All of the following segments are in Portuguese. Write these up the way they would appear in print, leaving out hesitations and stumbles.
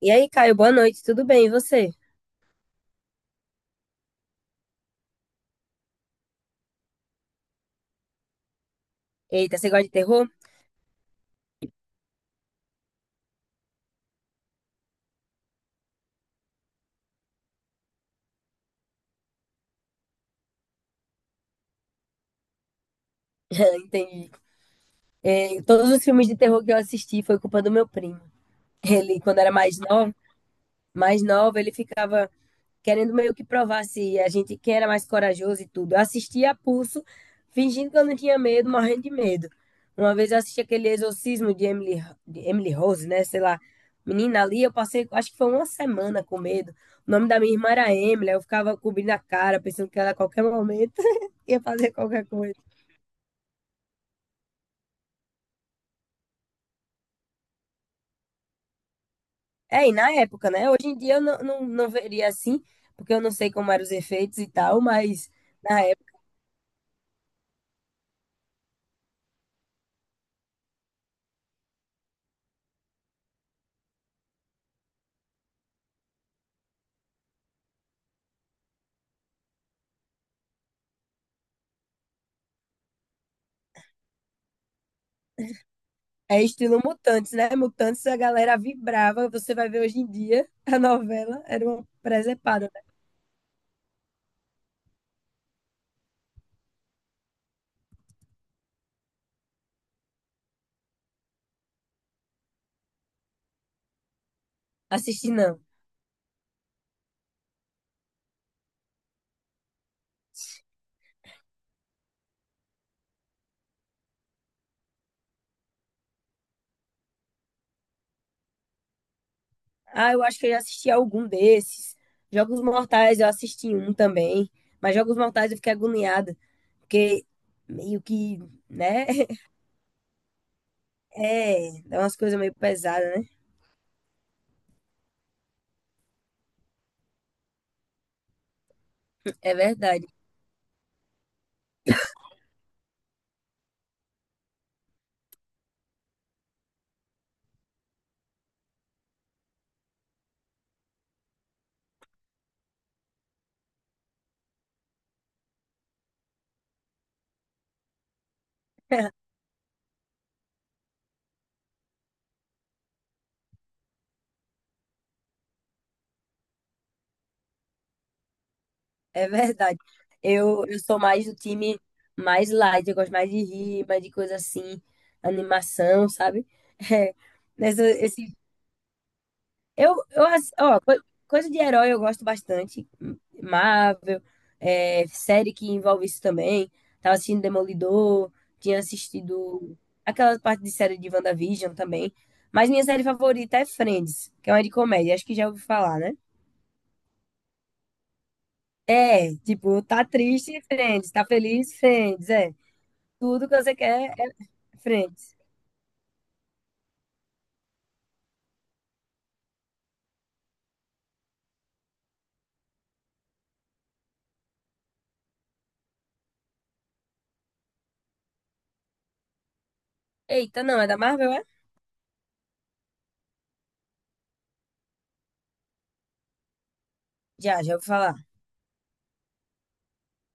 E aí, Caio, boa noite, tudo bem? E você? Eita, você gosta de terror? Entendi. É, todos os filmes de terror que eu assisti foi culpa do meu primo. Ele, quando era mais novo, ele ficava querendo meio que provar se a gente quem era mais corajoso e tudo. Eu assistia a pulso, fingindo que eu não tinha medo, morrendo de medo. Uma vez eu assisti aquele exorcismo de Emily Rose, né? Sei lá, menina ali, eu passei, acho que foi uma semana com medo. O nome da minha irmã era Emily, eu ficava cobrindo a cara, pensando que ela a qualquer momento ia fazer qualquer coisa. É, e na época, né? Hoje em dia eu não, não, não veria assim, porque eu não sei como eram os efeitos e tal. Mas na É estilo Mutantes, né? Mutantes a galera vibrava. Você vai ver hoje em dia a novela era uma presepada, né? Assisti não. Ah, eu acho que eu já assisti algum desses. Jogos Mortais eu assisti um também. Mas Jogos Mortais eu fiquei agoniada. Porque meio que, né? É, é umas coisas meio pesadas, né? É verdade. É verdade. Eu sou mais do time mais light. Eu gosto mais de rir, mais de coisa assim. Animação, sabe? É, nessa, esse eu ass- ó, coisa de herói eu gosto bastante. Marvel, é, série que envolve isso também. Tava assistindo Demolidor, tinha assistido aquela parte de série de WandaVision também. Mas minha série favorita é Friends, que é uma de comédia. Acho que já ouvi falar, né? É, tipo, tá triste, Friends. Tá feliz, Friends. É. Tudo que você quer é Friends. Eita, não, é da Marvel, é? Já, já ouvi falar.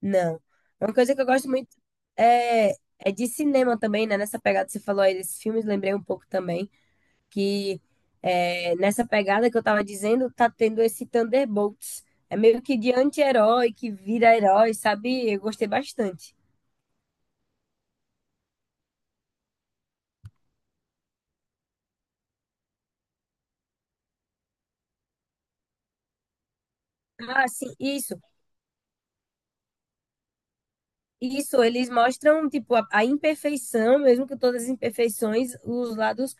Não. É uma coisa que eu gosto muito é, é de cinema também, né? Nessa pegada que você falou aí desses filmes, lembrei um pouco também que é, nessa pegada que eu tava dizendo, tá tendo esse Thunderbolts. É meio que de anti-herói que vira herói, sabe? Eu gostei bastante. Ah, sim, isso. Isso, eles mostram, tipo, a imperfeição, mesmo que todas as imperfeições, os lados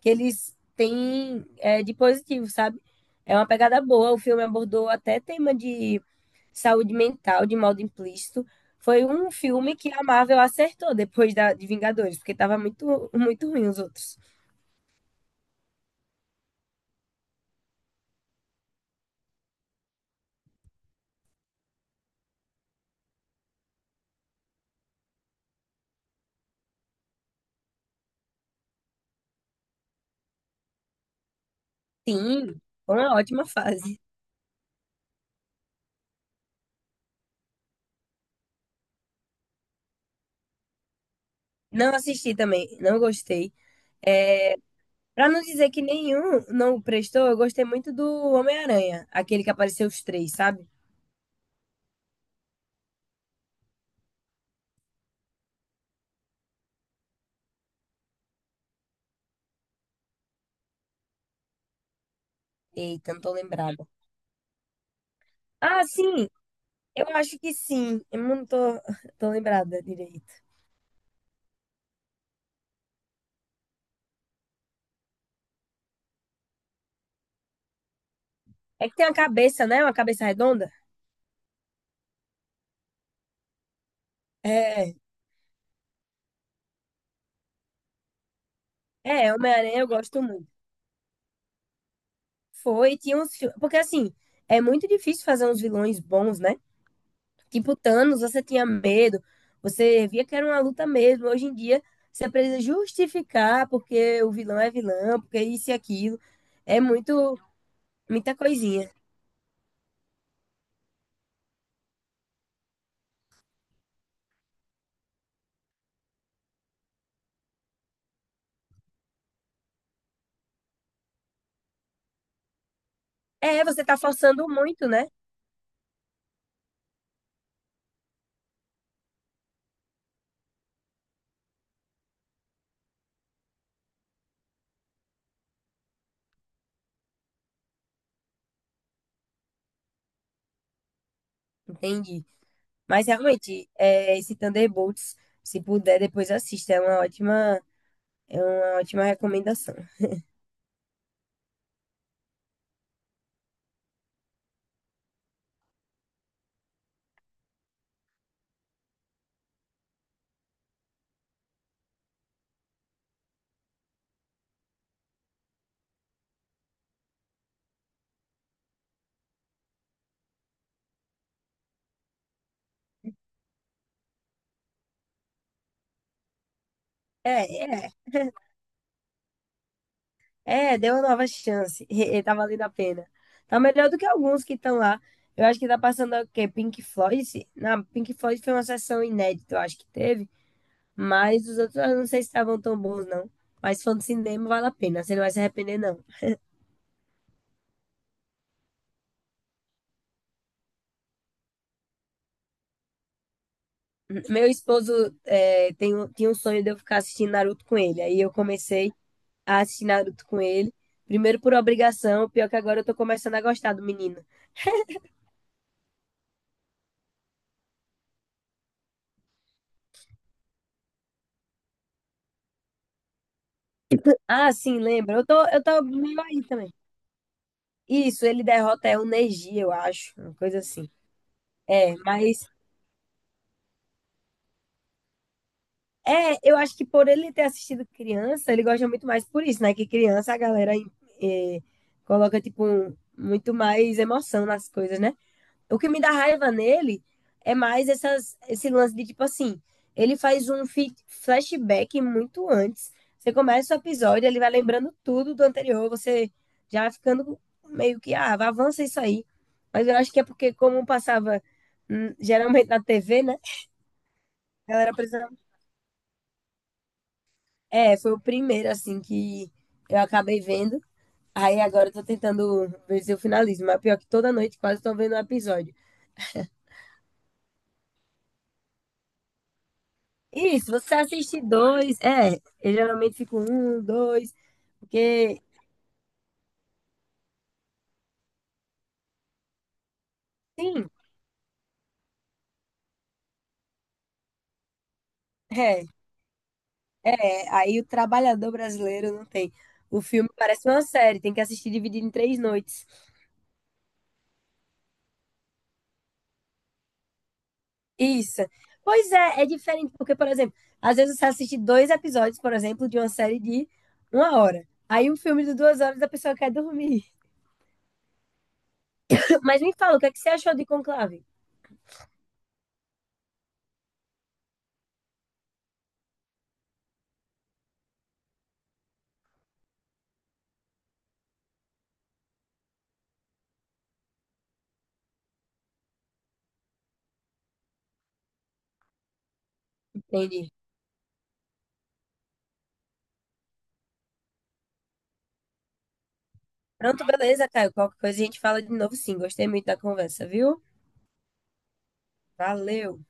que eles têm é, de positivo, sabe? É uma pegada boa. O filme abordou até tema de saúde mental de modo implícito. Foi um filme que a Marvel acertou depois de Vingadores, porque tava muito, muito ruim os outros. Sim, foi uma ótima fase. Não assisti também, não gostei. É, para não dizer que nenhum não prestou, eu gostei muito do Homem-Aranha, aquele que apareceu os três, sabe? Eita, não tô lembrada. Ah, sim, eu acho que sim. Eu não tô, tô lembrada direito. É que tem a cabeça, né? Uma cabeça redonda. É. É, Homem-Aranha eu gosto muito. Foi, tinha uns filmes. Porque assim, é muito difícil fazer uns vilões bons, né? Tipo Thanos, você tinha medo, você via que era uma luta mesmo. Hoje em dia, você precisa justificar porque o vilão é vilão, porque isso e aquilo. É muito, muita coisinha. É, você tá forçando muito, né? Entendi. Mas realmente, é, esse Thunderbolts, se puder, depois assista. É uma ótima recomendação. É, é, é, deu uma nova chance. E tá valendo a pena. Tá melhor do que alguns que estão lá. Eu acho que tá passando o quê? Pink Floyd? Na Pink Floyd foi uma sessão inédita, eu acho que teve. Mas os outros eu não sei se estavam tão bons, não. Mas fã de cinema vale a pena, você não vai se arrepender, não. Meu esposo tinha um sonho de eu ficar assistindo Naruto com ele. Aí eu comecei a assistir Naruto com ele. Primeiro por obrigação, pior que agora eu tô começando a gostar do menino. Ah, sim, lembra? Eu tô meio aí também. Isso, ele derrota é o Neji, eu acho, uma coisa assim. É, mas é, eu acho que por ele ter assistido criança, ele gosta muito mais por isso, né? Que criança a galera é, coloca tipo muito mais emoção nas coisas, né? O que me dá raiva nele é mais esse lance de tipo assim, ele faz um flashback muito antes. Você começa o episódio, ele vai lembrando tudo do anterior, você já vai ficando meio que, ah, vai, avança isso aí. Mas eu acho que é porque, como passava geralmente na TV, né? A galera precisava. É, foi o primeiro, assim, que eu acabei vendo. Aí agora eu tô tentando ver se eu finalizo. Mas pior que toda noite quase tô vendo um episódio. Isso, você assiste dois. É, eu geralmente fico um, dois, porque sim, é, é. Aí o trabalhador brasileiro não tem. O filme parece uma série, tem que assistir dividido em 3 noites. Isso. Pois é, é diferente, porque, por exemplo, às vezes você assiste dois episódios, por exemplo, de uma série de uma hora. Aí um filme de 2 horas a pessoa quer dormir. Mas me fala, o que é que você achou de Conclave? Entendi. Pronto, beleza, Caio. Qualquer coisa a gente fala de novo, sim. Gostei muito da conversa, viu? Valeu.